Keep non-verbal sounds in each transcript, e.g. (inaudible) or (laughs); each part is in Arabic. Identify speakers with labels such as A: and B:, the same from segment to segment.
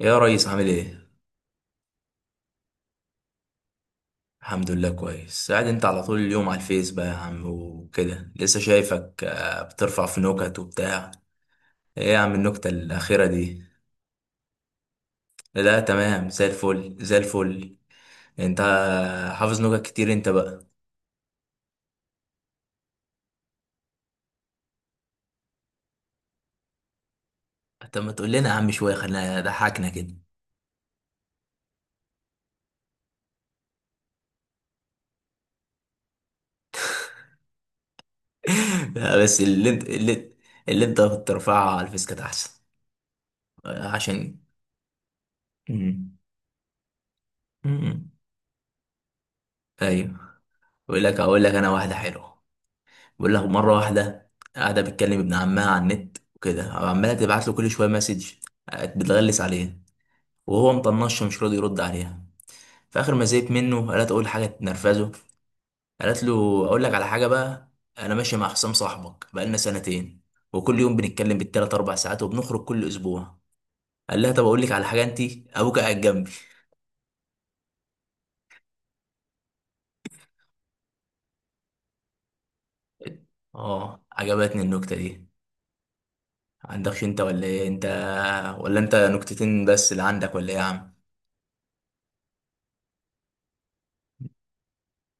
A: يا ريس عامل ايه؟ الحمد لله كويس. قاعد انت على طول اليوم على الفيس بقى يا عم وكده، لسه شايفك بترفع في نكت وبتاع. ايه يا عم النكتة الأخيرة دي؟ لا تمام، زي الفل زي الفل. انت حافظ نكت كتير انت بقى. طب ما تقول لنا يا عم شوية، خلينا ضحكنا كده. (laughs) لا بس اللي انت اللي انت بترفعها على الفيس كانت أحسن. عشان... مم. مم. ايوه. اقول لك انا واحدة حلوة. بقول له مره واحده قاعده بتكلم ابن عمها على النت وكده، وعماله تبعت له كل شويه مسج، بتغلس عليه وهو مطنشه مش راضي يرد عليها. في اخر ما زهقت منه قالت اقول حاجه تنرفزه. قالت له اقول لك على حاجه بقى، انا ماشي مع حسام صاحبك بقالنا سنتين، وكل يوم بنتكلم بالتلات اربع ساعات وبنخرج كل اسبوع. قال لها طب اقول لك على حاجه انت، ابوك قاعد جنبي. اه عجبتني النكته دي. عندكش انت ولا ايه انت؟ ولا انت نكتتين بس اللي عندك ولا ايه يا عم؟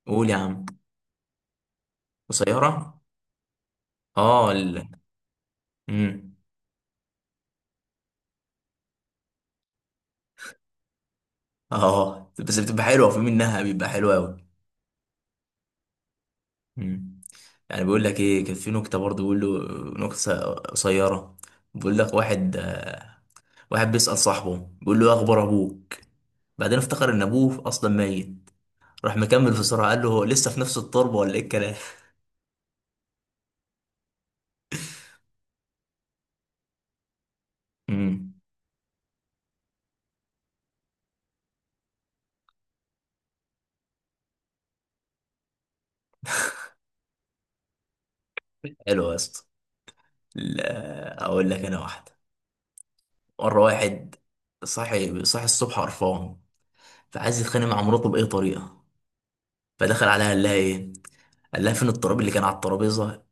A: قول يا عم. قصيرة. اه ال... مم. اه بس بتبقى حلوة، في منها بيبقى حلو أوي. مم. يعني بيقول لك ايه، كان في نكتة برضه بيقول له نكتة قصيرة. بيقول لك واحد، واحد بيسأل صاحبه بيقول له إيه أخبار أبوك، بعدين افتكر إن أبوه أصلا ميت، راح مكمل في سرعة قال له هو لسه في نفس التربة ولا إيه الكلام. مم. حلو يا اسطى. لا، أقول لك أنا واحدة. مرة واحد صاحي صاحي الصبح قرفان، فعايز يتخانق مع مراته بأي طريقة، فدخل عليها قال لها ايه، قال لها فين التراب اللي كان على الترابيزه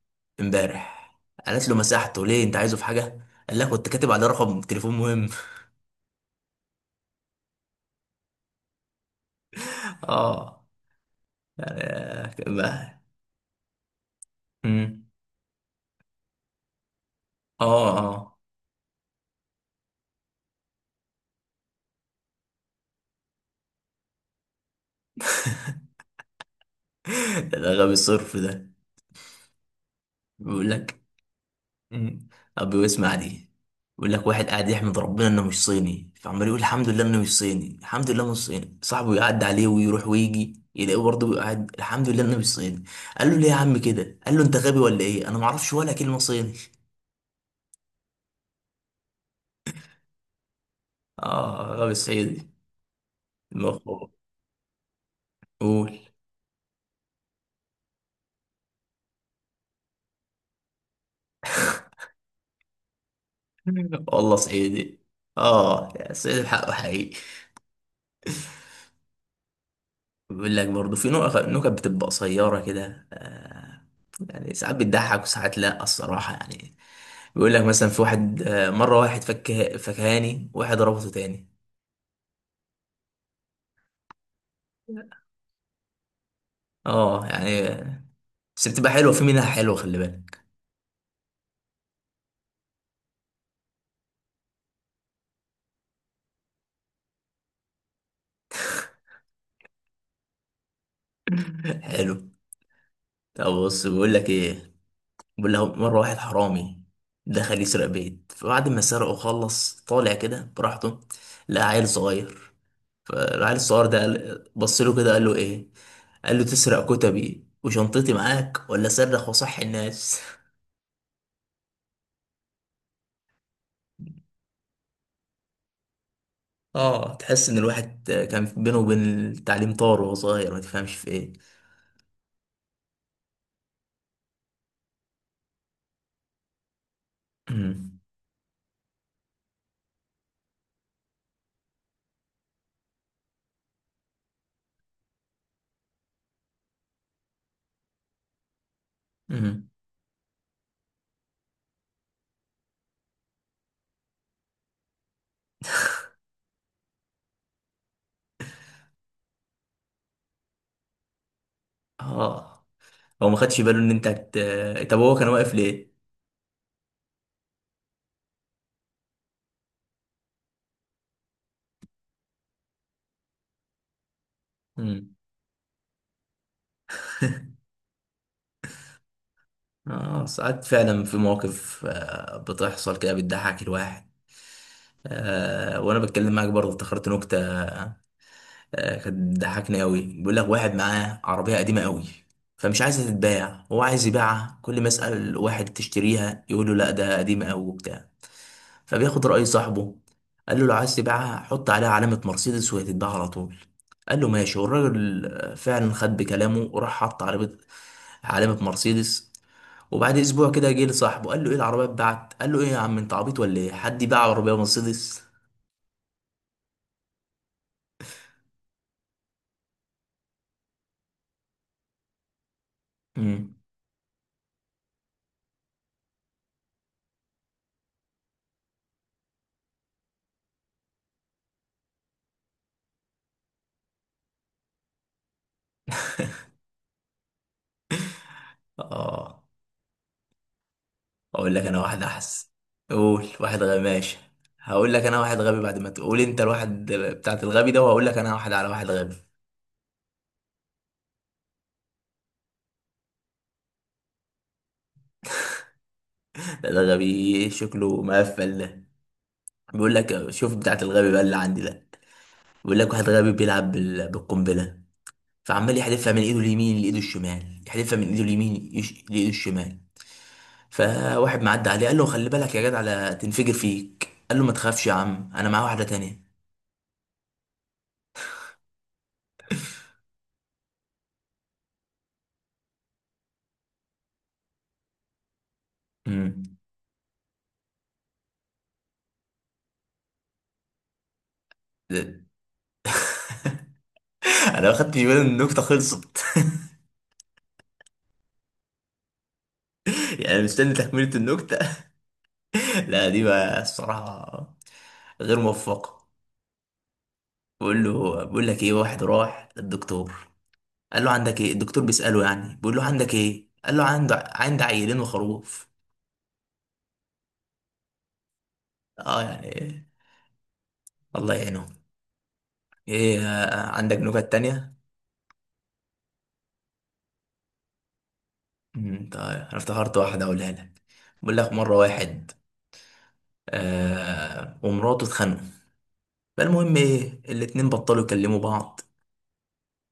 A: امبارح. قالت له مسحته ليه انت عايزه في حاجه، قال لها كنت كاتب عليه رقم تليفون مهم. (laughs) اه. يعني- ما- مم. اه اه. (laughs) ده غبي الصرف ده. بيقول لك... مم. أبي اسمع دي. بيقول لك واحد قاعد يحمد ربنا انه مش صيني، فعمال يقول الحمد لله انه مش صيني، الحمد لله مش صيني. صاحبه يعدي عليه ويروح ويجي يلاقيه برضه قاعد الحمد لله انه مش صيني. قال له ليه يا عم كده، قال له انت غبي ولا ايه، انا ما اعرفش ولا كلمه صيني. اه غبي صعيدي المخ. قول. والله صعيدي. اه صعيدي الحق حقيقي. بيقول لك برضه في نكت بتبقى قصيرة كده، يعني ساعات بتضحك وساعات لا، الصراحة يعني. بيقول لك مثلا في واحد، مرة واحد فك فكهاني، واحد ربطه تاني. اه يعني بس بتبقى حلوة، في منها حلوة خلي بالك. (laughs) حلو. طب بص بيقول لك ايه، بيقول له مرة واحد حرامي دخل يسرق بيت، فبعد ما سرقه خلص طالع كده براحته، لقى عيل صغير. فالعيل الصغير ده بص له كده قال له ايه، قال له تسرق كتبي وشنطتي معاك ولا صرخ وصحي الناس. (laughs) اه تحس ان الواحد كان بينه وبين التعليم طار وهو صغير، ما تفهمش في ايه. أمم، أمم. اه. هو ما خدش باله ان انت طب هو كان واقف ليه؟ أمم. اه ساعات فعلا في مواقف، بتحصل كده بتضحك الواحد. آه وانا بتكلم معاك برضه افتكرت نكتة، كانت ضحكني قوي. بيقول لك واحد معاه عربية قديمة قوي، فمش عايزة تتباع، هو عايز يبيعها، كل ما يسأل واحد تشتريها يقول له لا ده قديمة قوي وبتاع. فبياخد رأي صاحبه، قال له لو عايز تبيعها حط عليها علامة مرسيدس وهي تتباع على طول. قال له ماشي. والراجل، فعلا خد بكلامه وراح حط علامة علامة مرسيدس. وبعد اسبوع كده جه لصاحبه قال له ايه العربية اتباعت، قال له ايه يا عم انت عبيط ولا ايه، حد يباع عربية مرسيدس. امم. اه اقول لك انا واحد احس. قول واحد غبي ماشي. هقول لك انا واحد غبي بعد ما تقول انت الواحد بتاعت الغبي ده، وهقول لك انا واحد على واحد غبي. ده غبي شكله مقفل ده. بيقول لك شوف بتاعت الغبي بقى اللي عندي ده. بيقول لك واحد غبي بيلعب بالقنبله، فعمال يحدفها من ايده اليمين لايده الشمال، يحدفها من ايده اليمين لايده الشمال. فواحد معدي عليه قال له خلي بالك يا جدع لا تنفجر فيك، قال له ما تخافش يا عم انا معايا واحده تانية. امم. (laughs) انا ما خدتش بالي ان النكته خلصت. (laughs) يعني مستني تكملة النكتة. (laughs) لا دي بقى الصراحة غير موفقة. بقول لك ايه واحد راح للدكتور، قال له عندك ايه، الدكتور بيسأله يعني بيقول له عندك ايه، قال له عندي عيلين وخروف. اه يعني، الله يعينهم. ايه، عندك نكت تانية؟ طيب انا افتكرت واحدة اقولها لك. بقول لك مرة واحد آه ومراته اتخانقوا، فالمهم ايه الاتنين بطلوا يكلموا بعض.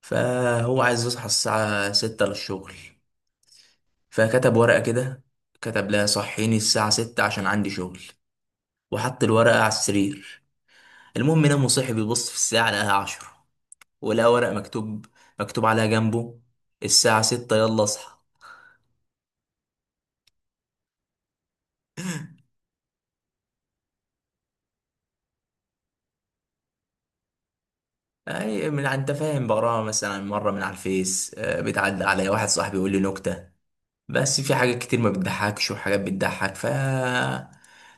A: فهو عايز يصحى الساعة ستة للشغل، فكتب ورقة كده، كتب لها صحيني الساعة ستة عشان عندي شغل، وحط الورقة على السرير. المهم نام وصحي بيبص في الساعة لقاها عشرة، ولقى ورقة مكتوب عليها جنبه، الساعة ستة يلا اصحى. أي من أنت فاهم، بقراها مثلا مرة من على الفيس، بتعدي عليا واحد صاحبي يقول لي نكتة. بس في حاجات كتير ما بتضحكش وحاجات بتضحك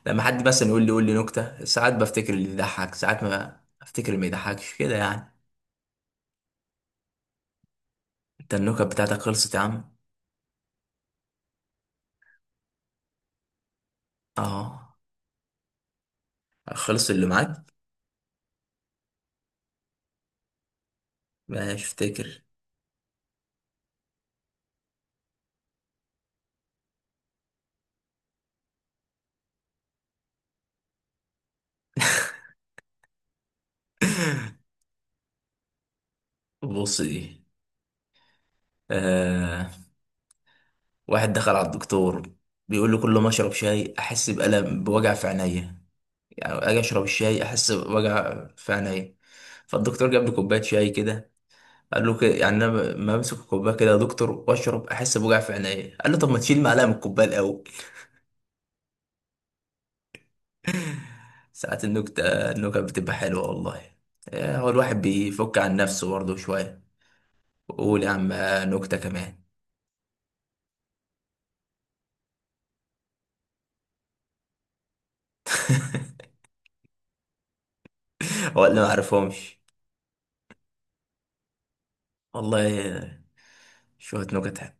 A: لما حد مثلا يقول لي نكتة ساعات بفتكر اللي يضحك، ساعات ما افتكر اللي ما يضحكش كده يعني. انت النكت بتاعتك خلصت يا عم؟ اه. خلص اللي معاك. ماشي افتكر. (laughs) بص دي. آه. واحد دخل على الدكتور بيقول له كل ما اشرب شاي احس بوجع في عينيا، يعني اجي اشرب الشاي احس بوجع في عينيا. فالدكتور جاب له كوبايه شاي كده قال له كده يعني، انا ما امسك الكوبايه كده يا دكتور واشرب احس بوجع في عينيا، قال له طب ما تشيل معلقه من الكوبايه الاول. (laughs) ساعات النكته، النكت بتبقى حلوه والله. هو الواحد بيفك عن نفسه برضه شويه. قول يا عم نكتة كمان. (laughs) ولا ما اعرفهمش والله. شوية نكت.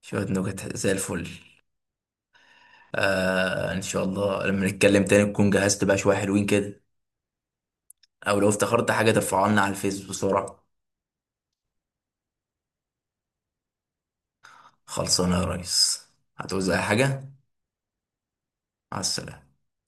A: شوية نكت زي الفل. آه ان شاء الله لما نتكلم تاني تكون جهزت بقى شوية حلوين كده، او لو افتكرت حاجة ترفعها لنا على الفيس بسرعة. خلصانة يا ريس. هتعوز اي حاجة. مع السلامة.